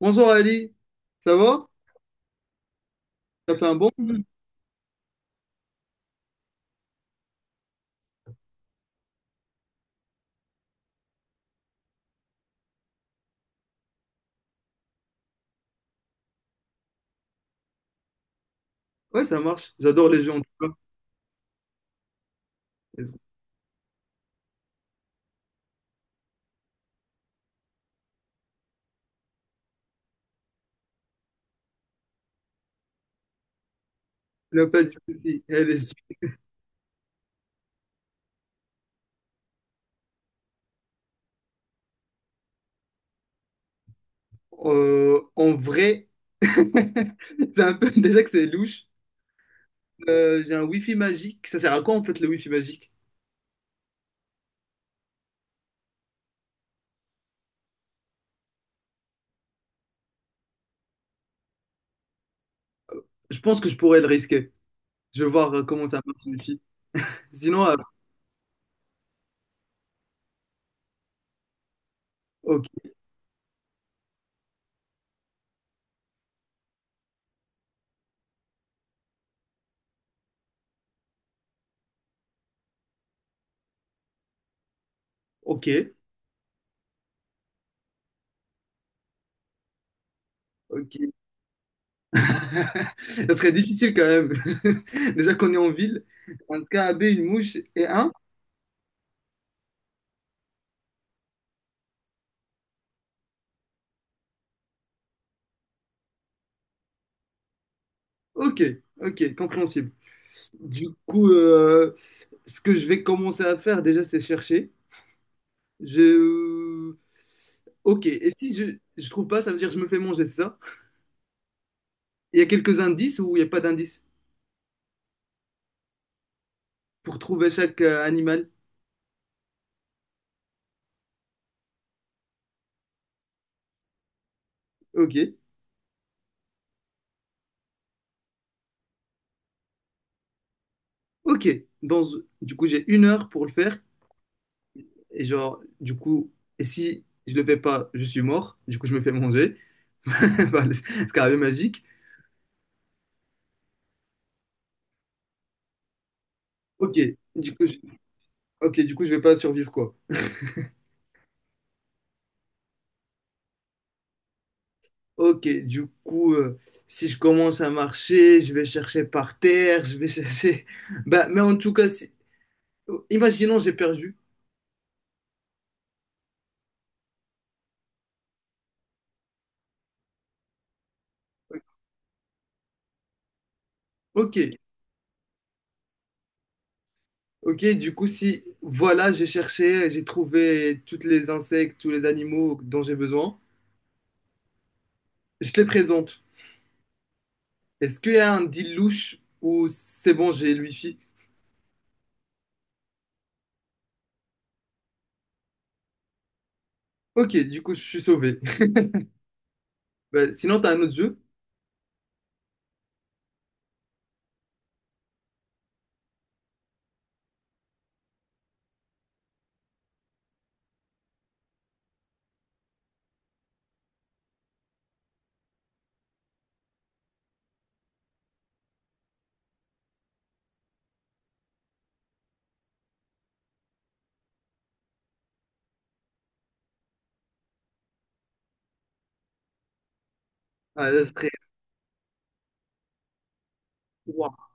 Bonsoir Ali, ça va? Ça fait un bon moment? Ouais, ça marche. J'adore les jeux en tout cas. Il n'y a pas de souci. Eh, les jeux, en vrai, c'est un peu déjà que c'est louche. J'ai un Wi-Fi magique. Ça sert à quoi en fait le Wi-Fi magique? Je pense que je pourrais le risquer. Je vais voir comment ça marche le Wi-Fi. Sinon, euh, ok, ok, ok. Ça serait difficile quand même. Déjà qu'on est en ville, un scarabée, une mouche et un. Ok, ok, compréhensible. Du coup, ce que je vais commencer à faire déjà, c'est chercher. Je... Ok, et si je trouve pas, ça veut dire que je me fais manger, c'est ça? Il y a quelques indices ou il n'y a pas d'indices pour trouver chaque animal? Ok, ok. Dans... Du coup, j'ai 1 heure pour le faire. Et genre, du coup, et si je le fais pas, je suis mort. Du coup, je me fais manger. Enfin, c'est carrément magique. Ok, du coup, je... ok, du coup, je vais pas survivre, quoi. Ok, du coup, si je commence à marcher, je vais chercher par terre, je vais chercher. Bah, mais en tout cas, si... imaginons j'ai perdu. Ok, ok, du coup, si voilà, j'ai cherché, j'ai trouvé tous les insectes, tous les animaux dont j'ai besoin, je te les présente. Est-ce qu'il y a un deal louche ou c'est bon, j'ai le wifi? Ok, du coup, je suis sauvé. Bah, sinon, t'as un autre jeu? Ah, là, ce serait- Ouah,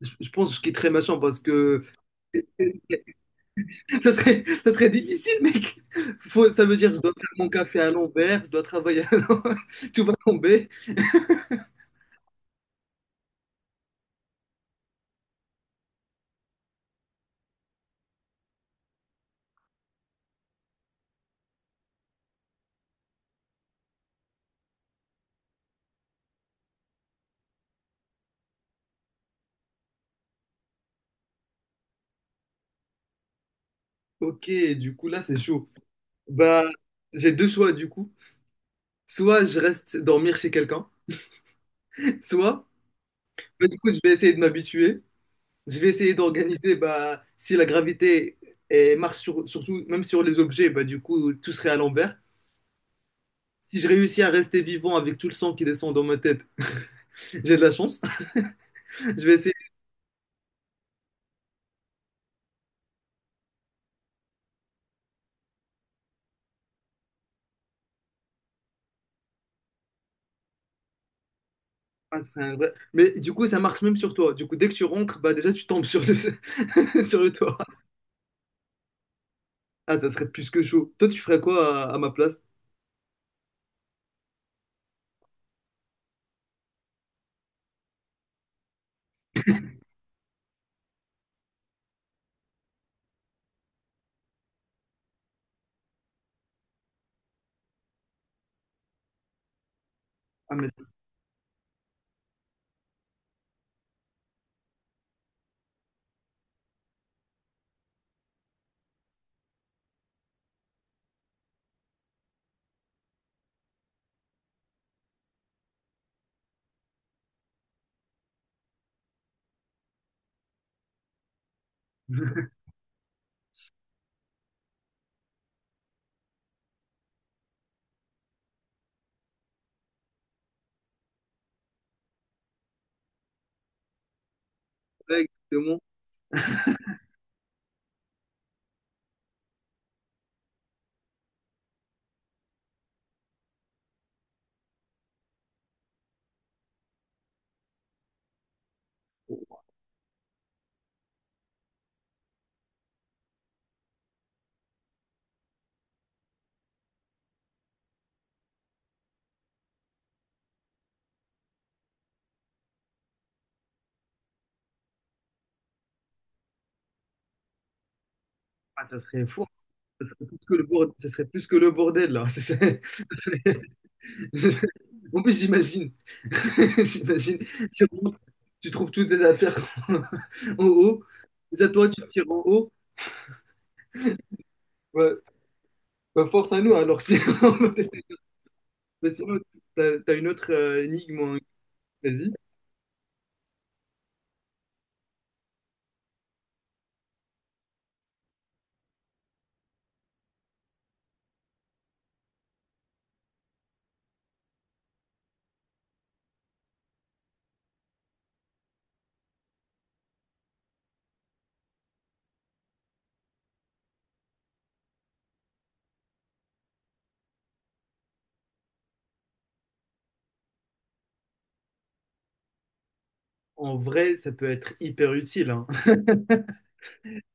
je pense que je quitterai ma chambre parce que ça serait, ça serait difficile, mec. Faut, ça veut dire que je dois faire mon café à l'envers, je dois travailler à l'envers, tout va tomber. Ok, du coup, là, c'est chaud. Bah, j'ai deux choix, du coup. Soit je reste dormir chez quelqu'un, soit, bah, du coup, je vais essayer de m'habituer. Je vais essayer d'organiser, bah, si la gravité eh, marche sur- surtout, même sur les objets, bah, du coup, tout serait à l'envers. Si je réussis à rester vivant avec tout le sang qui descend dans ma tête, j'ai de la chance. Je vais essayer. Ah, c'est un vrai- Mais du coup, ça marche même sur toi. Du coup, dès que tu rentres, bah déjà tu tombes sur le sur le toit. Ah, ça serait plus que chaud. Toi, tu ferais quoi à ma place? Ah, mais ouais, exactement. Ah, ça serait fou. Ça serait plus que le bordel, ça serait plus que le bordel là. Ça serait- En plus, j'imagine. J'imagine. Tu rentres, tu trouves toutes tes affaires en haut. Déjà, toi, tu tires en haut. Ouais. Bah, force à nous alors. Si... on va tester. Mais sinon, t'as une autre énigme, hein. Vas-y. En vrai, ça peut être hyper utile, hein.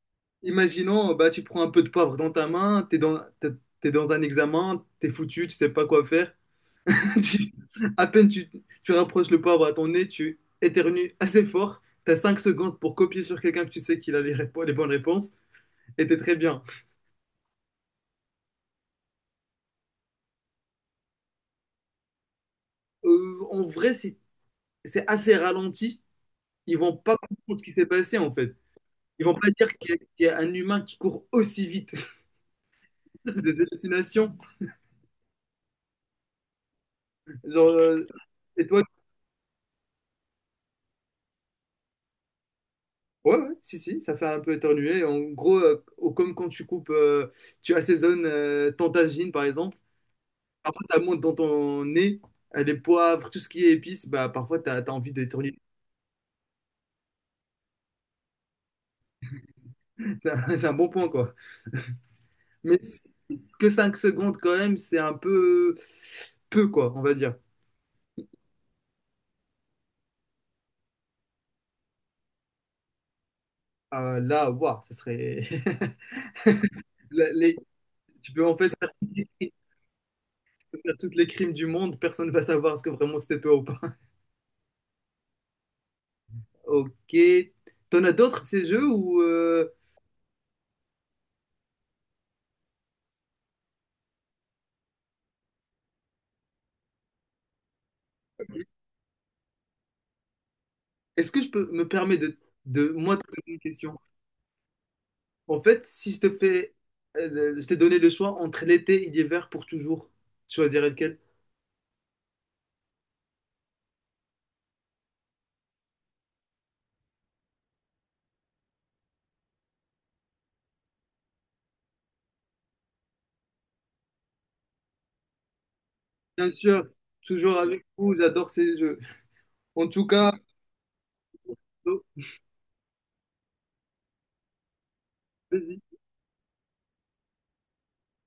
Imaginons, bah, tu prends un peu de poivre dans ta main, t'es dans un examen, t'es foutu, tu sais pas quoi faire. Tu- à peine tu rapproches le poivre à ton nez, tu éternues assez fort, t'as 5 secondes pour copier sur quelqu'un que tu sais qu'il a les, répo- les bonnes réponses, et t'es très bien. En vrai, c'est assez ralenti. Ils vont pas comprendre ce qui s'est passé, en fait. Ils vont pas dire qu'il y a un humain qui court aussi vite. Ça, c'est des hallucinations. Genre, euh, et toi, ouais, ouais, si, si, ça fait un peu éternuer. En gros, au- comme quand tu coupes, tu assaisonnes ton tagine, par exemple. Après, ça monte dans ton nez. Les poivres, tout ce qui est épices, bah, parfois, tu as envie d'éternuer. C'est un bon point, quoi. Mais c- que 5 secondes, quand même, c'est un peu, quoi, on va dire. Là, waouh, ça serait... Là, les- Tu peux en fait faire toutes les crimes faire toutes les crimes du monde, personne ne va savoir ce que vraiment c'était toi ou pas. Ok. T'en as d'autres de ces jeux ou est-ce que je peux me permettre de moi te poser une question? En fait, si je te fais, je t'ai donné le choix entre l'été et l'hiver pour toujours, tu choisirais lequel? Bien sûr, toujours avec vous, j'adore ces jeux. En tout cas, vas-y.